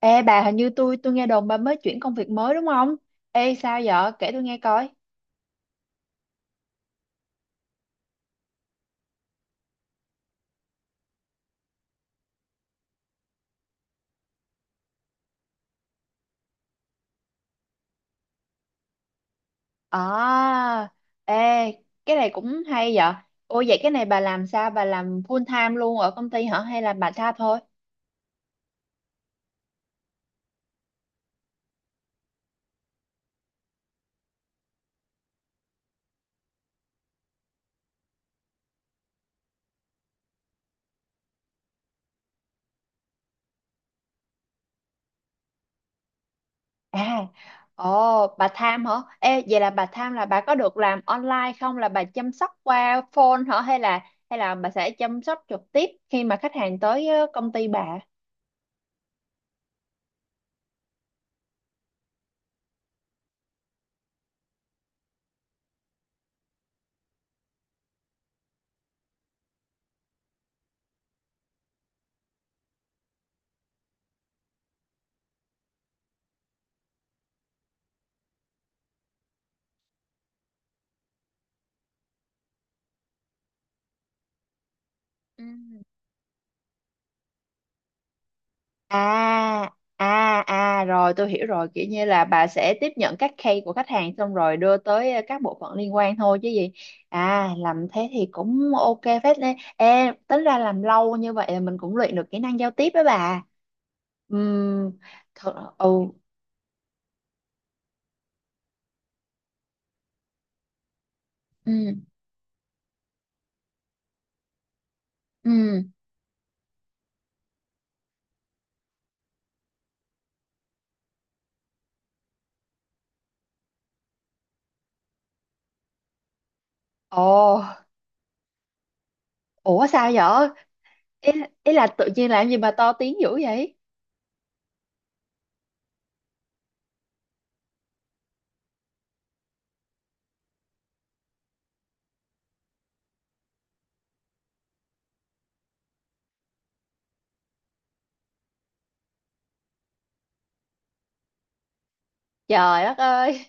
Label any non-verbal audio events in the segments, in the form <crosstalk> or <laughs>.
Ê bà, hình như tôi nghe đồn bà mới chuyển công việc mới đúng không? Ê sao vậy? Kể tôi nghe coi. À, ê cái này cũng hay vậy. Ôi, vậy cái này bà làm sao? Bà làm full time luôn ở công ty hả? Hay là bà time thôi? À, ồ bà tham hả? Ê vậy là bà tham là bà có được làm online không? Là bà chăm sóc qua phone hả? Hay là bà sẽ chăm sóc trực tiếp khi mà khách hàng tới công ty bà? Ừ. À, à, à, rồi tôi hiểu rồi, kiểu như là bà sẽ tiếp nhận các case của khách hàng xong rồi đưa tới các bộ phận liên quan thôi chứ gì. À, làm thế thì cũng ok phết đấy. Ê, tính ra làm lâu như vậy là mình cũng luyện được kỹ năng giao tiếp đó bà. Ừm, thật, ừ, ừ. Ừm, ồ, ủa sao vậy? Ý, ý là tự nhiên làm gì mà to tiếng dữ vậy? Trời đất ơi.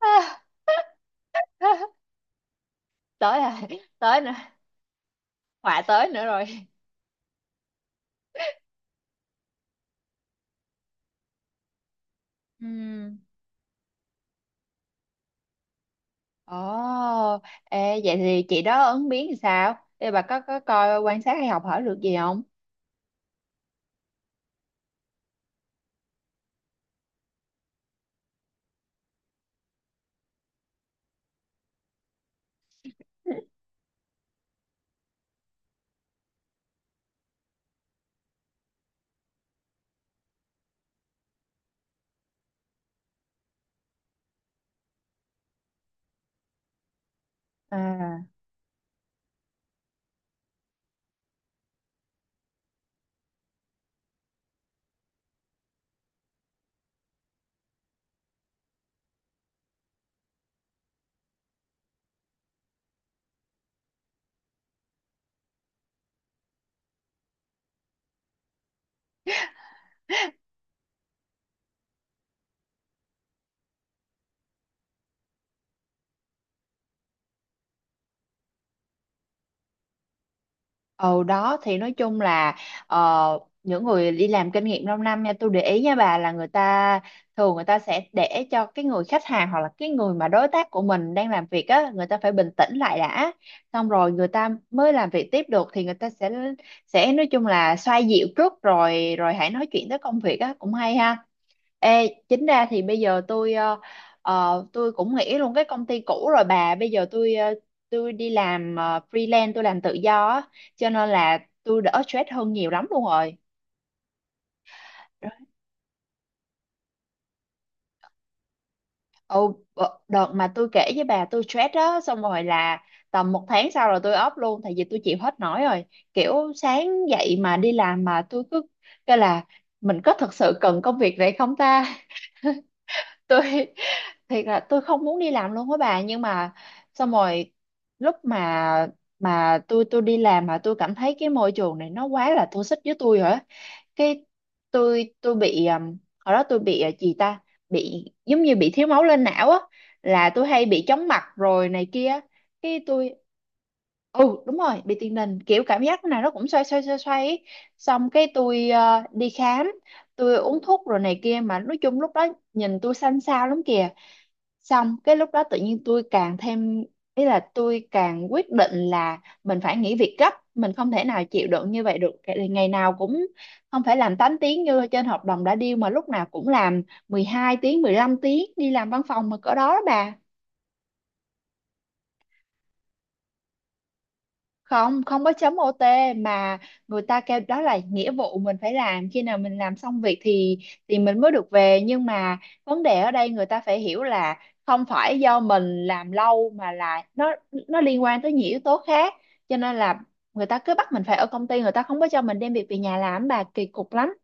<laughs> Tới rồi, tới nữa, họa tới nữa rồi. Ừ. Ồ, ê, vậy thì chị đó ứng biến thì sao? Ê, bà có coi quan sát hay học hỏi được gì không? À, ồ đó thì nói chung là những người đi làm kinh nghiệm lâu năm nha, tôi để ý nha bà, là người ta thường người ta sẽ để cho cái người khách hàng hoặc là cái người mà đối tác của mình đang làm việc á, người ta phải bình tĩnh lại đã, xong rồi người ta mới làm việc tiếp được. Thì người ta sẽ nói chung là xoa dịu trước rồi rồi hãy nói chuyện tới công việc á, cũng hay ha. Ê, chính ra thì bây giờ tôi tôi cũng nghỉ luôn cái công ty cũ rồi bà. Bây giờ tôi tôi đi làm freelance, tôi làm tự do á, cho nên là tôi đỡ stress hơn nhiều lắm luôn rồi. Ồ, đợt mà tôi kể với bà tôi stress đó, xong rồi là tầm một tháng sau rồi tôi off luôn, tại vì tôi chịu hết nổi rồi. Kiểu sáng dậy mà đi làm mà tôi cứ, cái là mình có thật sự cần công việc này không ta? <laughs> Tôi thiệt là tôi không muốn đi làm luôn á bà, nhưng mà xong rồi lúc mà tôi đi làm mà tôi cảm thấy cái môi trường này nó quá là toxic với tôi rồi á, cái tôi bị hồi đó tôi bị gì ta, bị giống như bị thiếu máu lên não á, là tôi hay bị chóng mặt rồi này kia. Cái tôi, ừ đúng rồi, bị tiền đình, kiểu cảm giác nào nó cũng xoay xoay xoay xoay ấy. Xong cái tôi đi khám, tôi uống thuốc rồi này kia, mà nói chung lúc đó nhìn tôi xanh xao lắm kìa. Xong cái lúc đó tự nhiên tôi càng thêm, ý là tôi càng quyết định là mình phải nghỉ việc gấp, mình không thể nào chịu đựng như vậy được. Ngày nào cũng, không phải làm 8 tiếng như trên hợp đồng đã deal mà lúc nào cũng làm 12 tiếng, 15 tiếng đi làm văn phòng mà cỡ đó đó bà. Không, không có chấm OT, mà người ta kêu đó là nghĩa vụ mình phải làm, khi nào mình làm xong việc thì mình mới được về. Nhưng mà vấn đề ở đây người ta phải hiểu là không phải do mình làm lâu mà là nó liên quan tới nhiều yếu tố khác, cho nên là người ta cứ bắt mình phải ở công ty, người ta không có cho mình đem việc về nhà làm bà, kỳ cục lắm.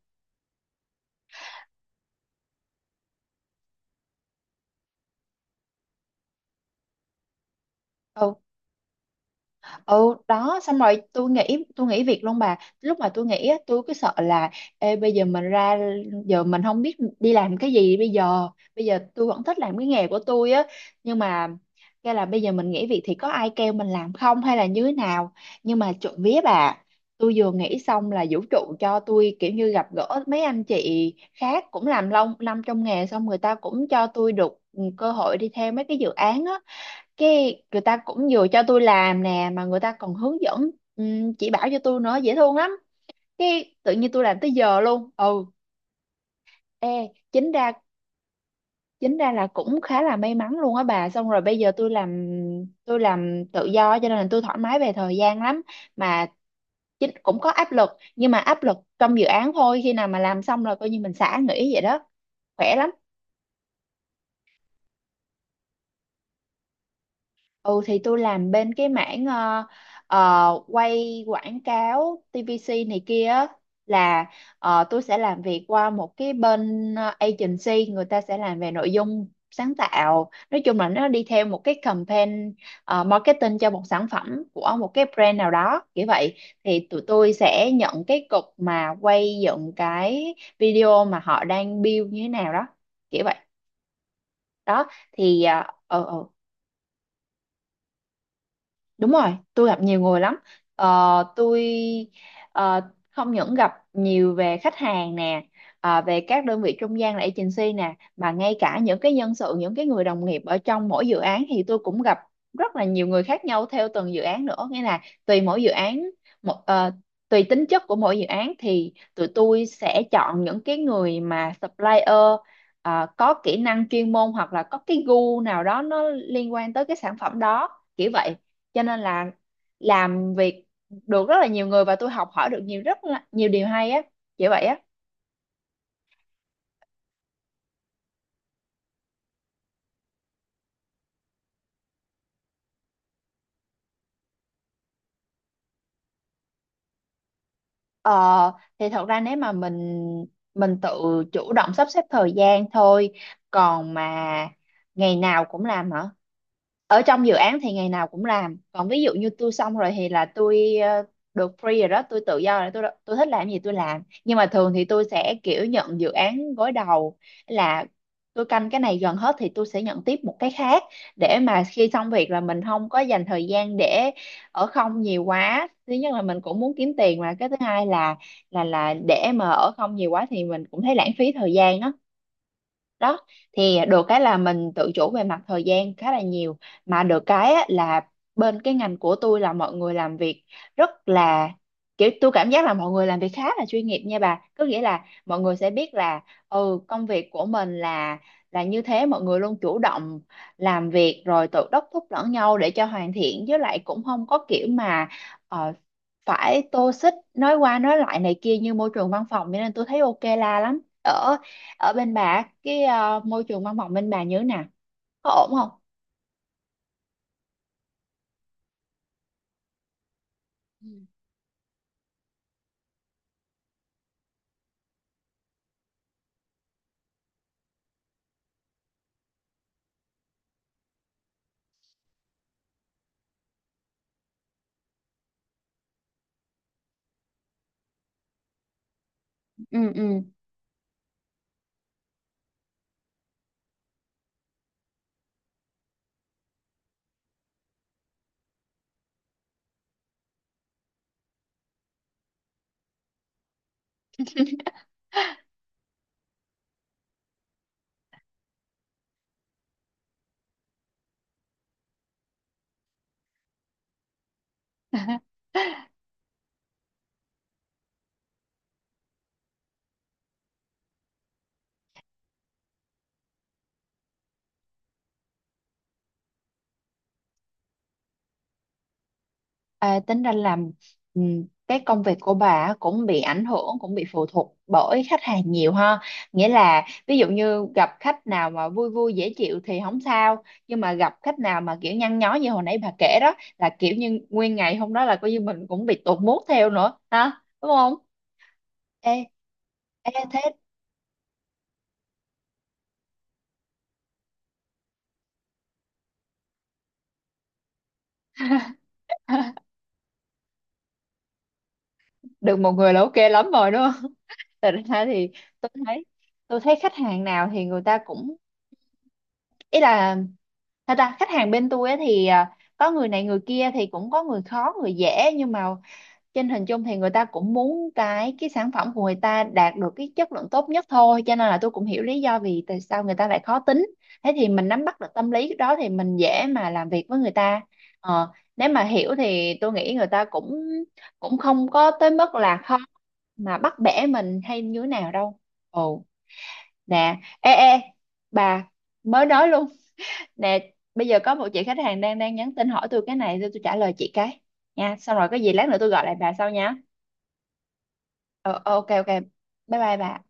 Ừ. Ừ đó xong rồi tôi nghĩ, tôi nghĩ việc luôn bà. Lúc mà tôi nghĩ á, tôi cứ sợ là ê, bây giờ mình ra, giờ mình không biết đi làm cái gì bây giờ. Bây giờ tôi vẫn thích làm cái nghề của tôi á, nhưng mà cái là bây giờ mình nghỉ việc thì có ai kêu mình làm không hay là như thế nào? Nhưng mà trộm vía bà, tôi vừa nghĩ xong là vũ trụ cho tôi kiểu như gặp gỡ mấy anh chị khác cũng làm lâu năm trong nghề, xong người ta cũng cho tôi được cơ hội đi theo mấy cái dự án á. Cái người ta cũng vừa cho tôi làm nè, mà người ta còn hướng dẫn, chỉ bảo cho tôi nữa, dễ thương lắm. Cái tự nhiên tôi làm tới giờ luôn ừ. Ê, chính ra, chính ra là cũng khá là may mắn luôn á bà. Xong rồi bây giờ tôi làm, tôi làm tự do cho nên là tôi thoải mái về thời gian lắm, mà chính cũng có áp lực, nhưng mà áp lực trong dự án thôi. Khi nào mà làm xong rồi coi như mình xả nghỉ vậy đó, khỏe lắm. Ừ, thì tôi làm bên cái mảng quay quảng cáo TVC này kia á, là tôi sẽ làm việc qua một cái bên agency, người ta sẽ làm về nội dung sáng tạo, nói chung là nó đi theo một cái campaign marketing cho một sản phẩm của một cái brand nào đó, kiểu vậy. Thì tụi tôi sẽ nhận cái cục mà quay dựng cái video mà họ đang build như thế nào đó, kiểu vậy đó thì. uh, Đúng rồi, tôi gặp nhiều người lắm. Ờ, tôi ờ, không những gặp nhiều về khách hàng nè, ờ, về các đơn vị trung gian là agency nè, mà ngay cả những cái nhân sự, những cái người đồng nghiệp ở trong mỗi dự án thì tôi cũng gặp rất là nhiều người khác nhau theo từng dự án nữa. Nghĩa là tùy mỗi dự án, một, ờ, tùy tính chất của mỗi dự án thì tụi tôi sẽ chọn những cái người mà supplier có kỹ năng chuyên môn hoặc là có cái gu nào đó nó liên quan tới cái sản phẩm đó. Kiểu vậy, cho nên là làm việc được rất là nhiều người và tôi học hỏi được nhiều, rất là, nhiều điều hay á, kiểu vậy á. Ờ, thì thật ra nếu mà mình tự chủ động sắp xếp thời gian thôi, còn mà ngày nào cũng làm hả? Ở trong dự án thì ngày nào cũng làm, còn ví dụ như tôi xong rồi thì là tôi được free rồi đó, tôi tự do rồi, tôi thích làm gì tôi làm. Nhưng mà thường thì tôi sẽ kiểu nhận dự án gối đầu, là tôi canh cái này gần hết thì tôi sẽ nhận tiếp một cái khác, để mà khi xong việc là mình không có dành thời gian để ở không nhiều quá. Thứ nhất là mình cũng muốn kiếm tiền, mà cái thứ hai là là để mà ở không nhiều quá thì mình cũng thấy lãng phí thời gian đó. Đó thì được cái là mình tự chủ về mặt thời gian khá là nhiều, mà được cái á, là bên cái ngành của tôi là mọi người làm việc rất là, kiểu tôi cảm giác là mọi người làm việc khá là chuyên nghiệp nha bà. Có nghĩa là mọi người sẽ biết là công việc của mình là như thế, mọi người luôn chủ động làm việc rồi tự đốc thúc lẫn nhau để cho hoàn thiện, với lại cũng không có kiểu mà ờ, phải tô xích nói qua nói lại này kia như môi trường văn phòng, cho nên tôi thấy ok la lắm. Ở ở bên bà cái môi trường văn phòng bên bà như thế nào, có ổn không? Ừ. Ừ, ừ. <laughs> À, tính ra làm, ừ, cái công việc của bà cũng bị ảnh hưởng, cũng bị phụ thuộc bởi khách hàng nhiều ha? Nghĩa là ví dụ như gặp khách nào mà vui vui dễ chịu thì không sao, nhưng mà gặp khách nào mà kiểu nhăn nhó như hồi nãy bà kể đó, là kiểu như nguyên ngày hôm đó là coi như mình cũng bị tụt mood theo nữa ha, đúng không? Ê, ê thế. <laughs> Được một người là ok lắm rồi đúng. Thật ra thì tôi thấy, tôi thấy khách hàng nào thì người ta cũng, ý là thật ra khách hàng bên tôi á thì có người này người kia, thì cũng có người khó người dễ. Nhưng mà trên hình chung thì người ta cũng muốn cái sản phẩm của người ta đạt được cái chất lượng tốt nhất thôi, cho nên là tôi cũng hiểu lý do vì tại sao người ta lại khó tính. Thế thì mình nắm bắt được tâm lý đó thì mình dễ mà làm việc với người ta. Ờ, nếu mà hiểu thì tôi nghĩ người ta cũng cũng không có tới mức là khó mà bắt bẻ mình hay như thế nào đâu. Ừ nè, ê, bà mới nói luôn nè. Bây giờ có một chị khách hàng đang đang nhắn tin hỏi tôi cái này, tôi trả lời chị cái nha, xong rồi có gì lát nữa tôi gọi lại bà sau nha. Ờ, ok ok, bye bye bà.